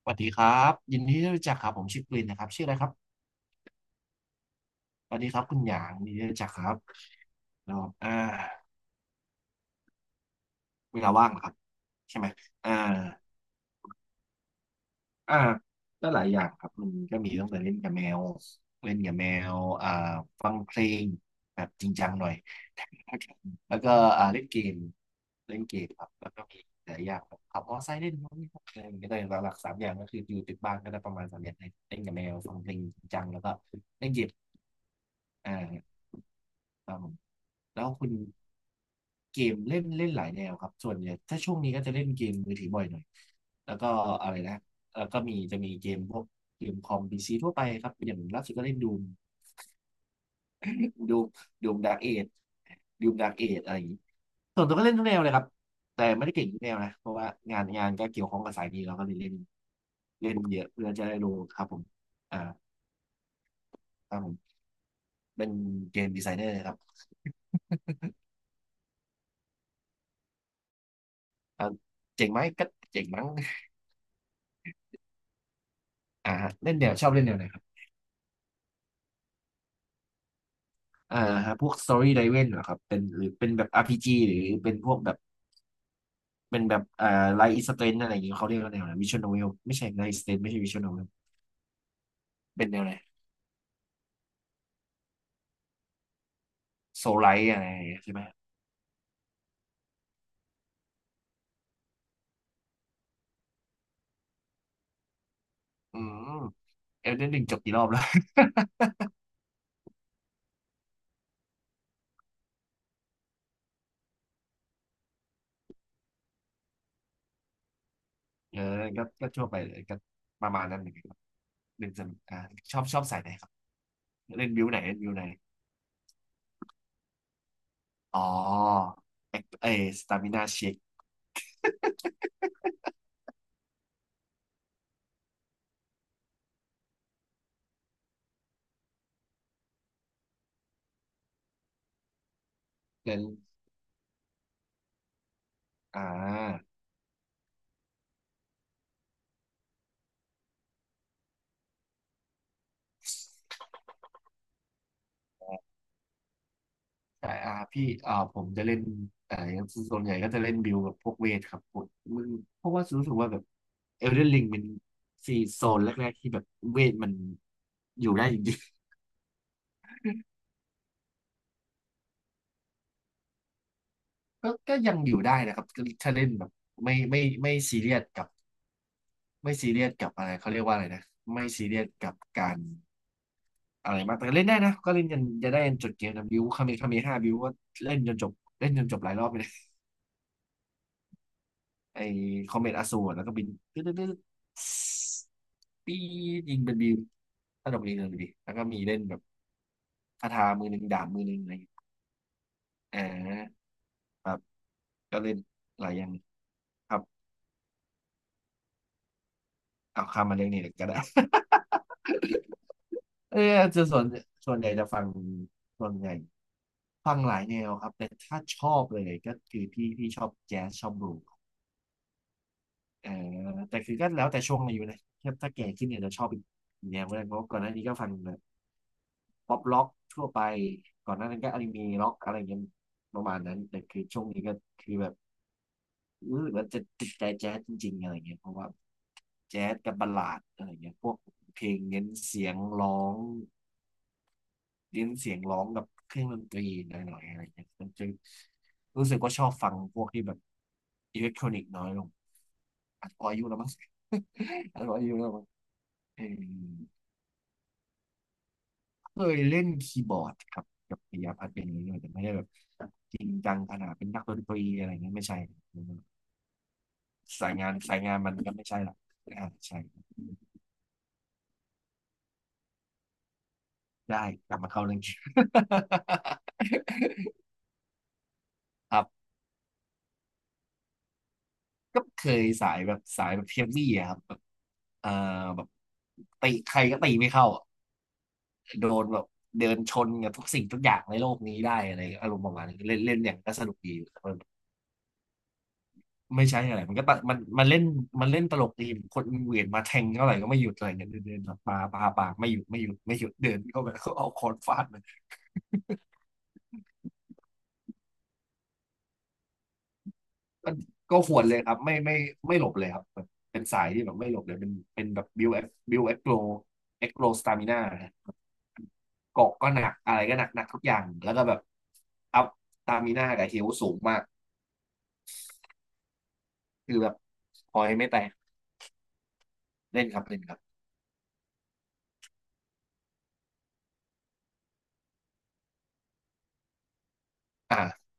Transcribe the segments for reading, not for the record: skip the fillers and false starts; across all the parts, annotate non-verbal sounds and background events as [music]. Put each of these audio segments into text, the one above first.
สวัสดีครับยินดีที่รู้จักครับผมชื่อกลินนะครับชื่ออะไรครับสวัสดีครับคุณหยางยินดีที่รู้จักครับแล้วเวลาว่างเหรอครับใช่ไหมอ่า อ่าก็หลายอย่างครับมันก็มีตั้งแต่เล่นกับแมวอ่าฟังเพลงแบบจริงจังหน่อย [laughs] แล้วก็อ่าเล่นเกมเล่นเกมครับแล้วก็มีหลายอย่างแบบขับมอเตอร์ไซค์เล่นนู่นนี่นั่นอะไรอย่างเงี้ยแต่หลักๆสามอย่างก็คืออยู่ติดบ้านก็ได้ประมาณสามอย่างเล่นกับแมวฟังเพลงจริงจังแล้วก็เล่นเกมอ่าครับผมแล้วคุณเกมเล่นเล่นหลายแนวครับส่วนเนี่ยถ้าช่วงนี้ก็จะเล่นเกมมือถือบ่อยหน่อยแล้วก็อะไรนะ แล้วก็มีจะมีเกมพวกเกมคอมพีซีทั่วไปครับอย่างล่าสุดก็เล่นดูมดูมดูมดาร์กเอจดูมดาร์กเอจอะไรอย่างนี้ส่วนตัวก็เล่นทุกแนวเลยครับแต่ไม่ได้เก่งทุกแนวนะเพราะว่างานก็เกี่ยวข้องกับสายนี้เราก็เลยเล่นเล่นเยอะเพื่อจะได้รู้ครับผมอ่าครับผมเป็นเกมดีไซเนอร์ครับอ่าเจ๋งไหมก็เจ๋งมั้งฮะเล่นแนวชอบเล่นแนวไหนครับอ่าฮะพวก Story Driven เหรอครับเป็นหรือเป็นแบบ RPG หรือเป็นพวกแบบ เป็นแบบไลท์อิสเตนอะไรอย่างเงี้ยเขาเรียกว่าแนวไหนวิชวลโนเวลไม่ใช่ไลท์อิสเตนไม่ใช่วิชวลโนเวลเป็นแนวไหนโซไลท์อะไรอย่างเงี้ยใช่ไหม อืม เอลเดนริงจบกี่รอบแล้ว เออก็ทั่วไปเลยก็ประมาณนั้นเหมือนกันบหนึ่งสำชอบสายไหนครับ เล่นบิวไหนเล่นบิวไหน อ๋อเอเอสตามินาเช็คเล่นอ่า แต่พี่ผมจะเล่นแต่ส่วนใหญ่ก็จะเล่นบิลกับพวกเวทครับผมมันเพราะว่ารู้สึกว่าแบบเอลเดนริงเป็นซีโซนแรกๆที่แบบเวทมันอยู่ได้จริงๆ [laughs] ก็ยังอยู่ได้นะครับก็ถ้าเล่นแบบไม่ซีเรียสกับไม่ซีเรียสกับอะไรเขาเรียกว่าอะไรนะไม่ซีเรียสกับการอะไรมากแต่ก็เล่นได้นะก็เล่นจนจะได้จนจบเกมนะบิวคาเมห้าบิวก็เล่นจนจบเล่นจนจบหลายรอบไป ไอ้คอมเมตอสูรแล้วก็บินตึ๊ดตึ๊ดตึ๊ดปีดยิงเป็นบิวถ้าดอกนี้เลยดีแล้วก็มีเล่นแบบคาถามือหนึ่งดาบมือหนึ่งอะไรอย่างเงี้ยอ่าครับก็เล่นหลายอย่างครับเอาข้ามมาเรื่องนี้เลยก็ได้ [laughs] เออจะส่วนส่วนใหญ่จะฟังส่วนใหญ่ฟังหลายแนวครับ แต่ถ้าชอบเลยก็คือพี่ชอบแจ๊สชอบบลูส์เออแต่คือก็แล้วแต่ช่วงอายุนะถ้าแก่ขึ้นเนี่ยจะชอบอีกแนวก็ได้เพราะก่อนหน้านี้ก็ฟัง ป๊อปล็อกทั่วไปก่อนหน้านั้นก็อนิเมะล็อกอะไรเงี้ยประมาณนั้นแต่คือช่วงนี้ก็คือแบบรู้สึกว่าจะติดใจแจ๊สจริงๆอะไรเงี้ยเพราะว่าแจ๊สกับบัลลาดอะไรเงี้ยพวกเพลงเน้นเสียงร้องเน้นเสียงร้องกับเครื่องดนตรีหน่อยๆอะไรเงี้ยมันจึงรู้สึกว่าชอบฟังพวกที่แบบอิเล็กทรอนิกส์น้อยลงอาจจะพออายุแล้วมั้ง [laughs] อาจจะพออายุแล้วมั้งเออ เคยเล่นคีย์บอร์ดครับกับปิยพัฒน์เป็นอย่างนี้ด้วยแต่ไม่ได้แบบจริงจังขนาดเป็นนักดนตรีอะไรเงี้ยไม่ใช่สายงานมันก็ไม่ใช่หรอกใช่ได้กลับมาเข้าเรื่อง [laughs] ครับก็เคยสายแบบเฮฟวี่อะครับแบบเอ่อแบบตีใครก็ตีไม่เข้าอะโดนแบบเดินชนกับทุกสิ่งทุกอย่างในโลกนี้ได้อะไรอารมณ์ประมาณนี้เล่นเล่นอย่างก็สนุกดี ไม่ใช่อะไร มันก็ตะมันเล่นตลกดีคนเหวียนมาแทงเท่าไหร่ก็ไม่หยุดอะไรเงี้ยเดินเดินปากไม่หยุดไม่หยุดไม่หยุดเดินเข้าไปแล้วก็เอาค้อนฟาดมันก็ก็หวนเลยครับไม่หลบเลยครับแบบเป็นสายที่แบบไม่หลบเลยเป็นแบบบิวเอ็กโกเอ็กโกสตามินาเกาะก็หนักอะไรก็หนักหนักทุกอย่างแล้วก็แบบอัพสตามินากับเฮลสูงมากคือแบบพอยไม่แตกเล่นครับเล่นครับอ่า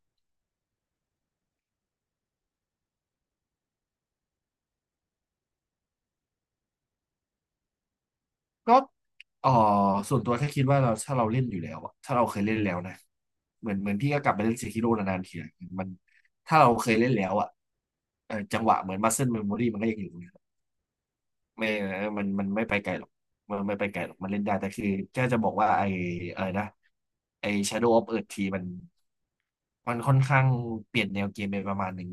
ก็เออส่วนตัวแค่คิดว่าเราถ้าเราเล่นอยู่แล้วอะถ้าเราเคยเล่นแล้วนะเหมือนพี่ก็กลับไปเล่นเซคิโร่นานๆทีอะมันถ้าเราเคยเล่นแล้วอะจังหวะเหมือนมัสเซิลเมมโมรีมันก็ยังอยู่นะไม่มันไม่ไปไกลหรอกมันไม่ไปไกลหรอกมันเล่นได้แต่คือแค่จะบอกว่าไออะไรนะไอ Shadow of Earth ทีมันมันค่อนข้างเปลี่ยนแนวเกมไปประมาณหนึ่ง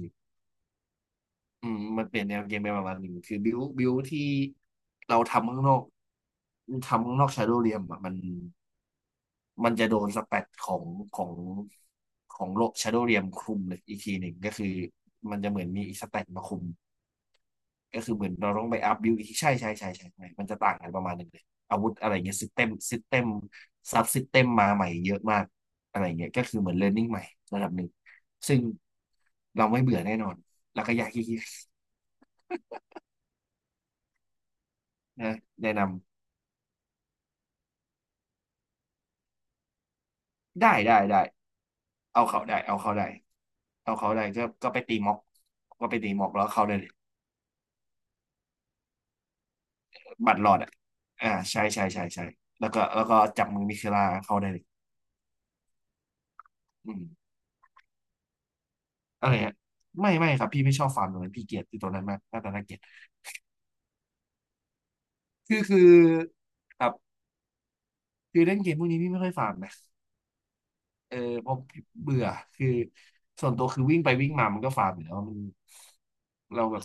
อืมมันเปลี่ยนแนวเกมไปประมาณหนึ่งคือบิวที่เราทำข้างนอกทำข้างนอกชาโดว์เรียมอะมันมันจะโดนสแปดของของโลกชาโดว์เรียมคุมเลยอีกทีหนึ่งก็คือมันจะเหมือนมีอีกสแปดมาคุมก็คือเหมือนเราต้องไปอัพบิวอีกทีใช่ใช่ใช่ใช่ใช่มันจะต่างกันประมาณหนึ่งเลยอาวุธอะไรเงี้ยซิสเต็มซับซิสเต็มมาใหม่เยอะมากอะไรเงี้ยก็คือเหมือนเรียนรู้ใหม่ระดับหนึ่งซึ่งเราไม่เบื่อแน่นอนแล้วก็อยากขี้เกียจ นะแนะนำได้ได้ได้เอาเขาได้เอาเขาได้เอาเขาได้ก็ก็ไปตีม็อกก็ไปตีม็อกแล้วเขาได้เลยบัตรรอดอ่ะอ่าใช่ใช่ใช่ใช่แล้วก็แล้วก็จับมือมิเคลาเขาได้เลยอืมอะไรฮะไม่ไม่ครับพี่ไม่ชอบฟาร์มตรงนั้นพี่เกลียดตัวนั้นมากหน้าตาน่าเกลียดคือครับคือเล่นเกมพวกนี้พี่ไม่ค่อยฟาร์มนะ เออเพราะเบื่อคือส่วนตัวคือวิ่งไปวิ่งมามันก็ฟาร์มอยู่แล้วมันเราแบบ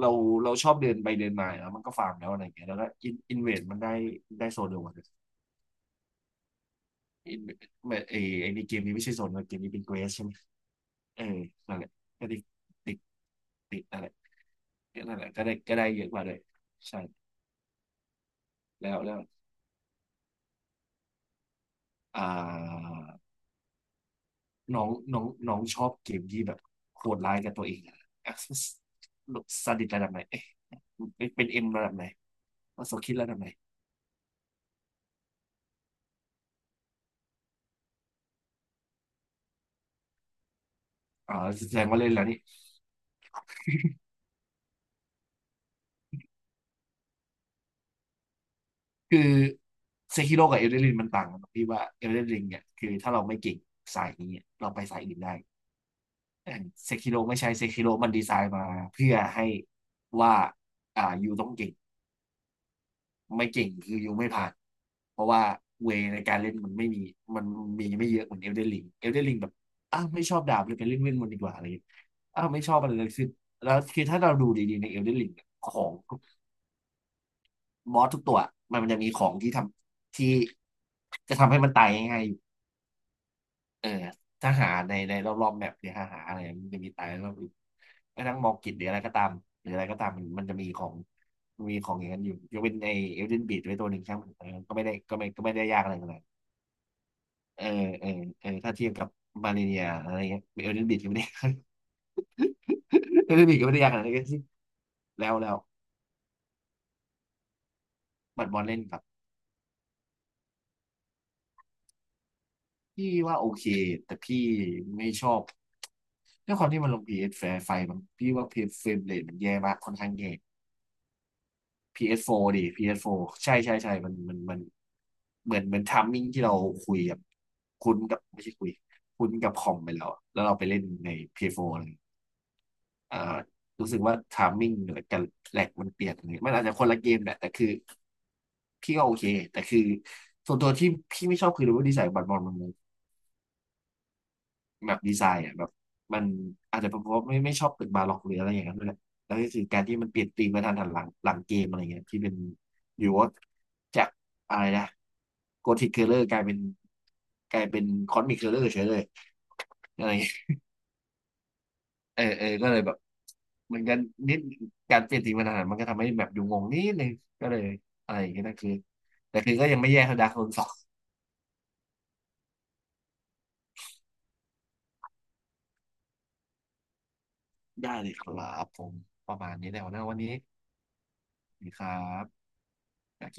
เราเราชอบเดินไปเดินมาแล้วมันก็ฟาร์มแล้วอะไรอย่างเงี้ยแล้วก็อินเวสมันได้ได้โซนเดียวกันอินเวดเอไอในเกมนี้ไม่ใช่โซนเกมนี้เป็นเกรสใช่ไหมเออนั่นแหละก็ติดติดนั่นแหละก็นั่นแหละก็ได้ก็ได้เยอะกว่าเลยใช่แล้วแล้วอ่าน้องน้องน้องชอบเกมที่แบบโหดร้ายกับตัวเองอะ a c c s s ซาดิสระดับไหนเอ๊ะเป็นเอ็มระดับไหน ว่าโซคิดแล้วทำไมอ๋อแสดงว่าเล่นแล้วนี่คือเซคิโร่กับเอลเดนริงมันต่างกันตรงที่ว่าเอลเดนริงเนี่ยคือถ้าเราไม่เก่งสายนี้เราไปสายอื่นได้แต่เซคิโร่ไม่ใช่เซคิโร่มันดีไซน์มาเพื่อให้ว่าอ่ายูต้องเก่งไม่เก่งคือยูไม่ผ่านเพราะว่าเวในการเล่นมันไม่มีมันมีไม่เยอะเหมือนเอลเดนริงเอลเดนริงแบบอ้าวไม่ชอบดาบเลยไปเล่นเวทมนต์ดีกว่าอะไรอย่างเงี้ยอ้าวไม่ชอบอะไรเลยคือแล้วคือถ้าเราดูดีๆในเอลเดนริงของ บอสทุกตัวมันมันจะมีของที่ทำที่จะทำให้มันตายง่ายๆอยู่เออถ้าหาในในรอบๆแมปหรือหาหาอะไรมันจะมีตายรอบอื่นกระทั้งมองกิจหรืออะไรก็ตามหรืออะไรก็ตามมันมันจะมีของมันมีของอย่างนั้นอยู่ยกเป็นไอเอลเดนบีดไว้ตัวหนึ่งช่างมันเออก็ไม่ได้ก็ไม่ก็ไม่ได้ยากอะไรขนาดนั้นเออเออเออถ้าเทียบกับมาเลเนียอะไรเงี้ยเอลเดนบีดก็ไม่ได้ [laughs] เอลเดนบีดก็ [laughs] ไม่ได้ยากขนาดนั้นก็สิแล้วแล้วบัดบอลเล่นกับพี่ว่าโอเคแต่พี่ไม่ชอบ ด้วยความที่มันลง PS ไไฟมันพี่ว่า PS เอสเฟรมเรทมันแย่มากค่อนข้างแย่ PS4 ดิ PS4 ใช่ใช่ใช่มันเหมือนทัมมิ่งที่เราคุยกับคุ้นกับไม่ใช่คุยคุ้นกับคอมไปแล้วอะแล้วเราไปเล่นใน PS4 เอสโฟร์เลยอ่ารู้สึกว่าทัมมิ่งเหนือกันแหลกมันเปลี่ยนเลยมันอาจจะคนละเกมแหละแต่คือพี่ก็โอเคแต่คือส่วนตัวที่พี่ไม่ชอบคือรู้ว่าดีไซน์บัตรบอลมัน แบบดีไซน์อ่ะแบบมันอาจจะเป็นเพราะไม่ชอบตึกบาร็อกหรืออะไรอย่างนั้นด้วยแหละแล้วก็คือการที่มันเปลี่ยนธีมมาทันหันหลังหลังเกมอะไรเงี้ยที่เป็นอยู่ว่าจากอะไรนะโกธิคเคอร์เลอร์กลายเป็นกลายเป็นคอสมิคเคอร์เลอร์เฉยเลยอะไรเงี้ยเออเออก็เลยแบบเหมือนกันนิดการเปลี่ยนธีมมาทันหันหลังมันก็ทำให้แบบอยู่งงนิดนึงก็เลยอะไรอย่างเงี้ยนั่นคือแต่คือก็ยังไม่แย่เท่าดาร์คโซนสองได้เลยครับผมประมาณนี้แล้วนะวันนี้สวัสดีครับโอเค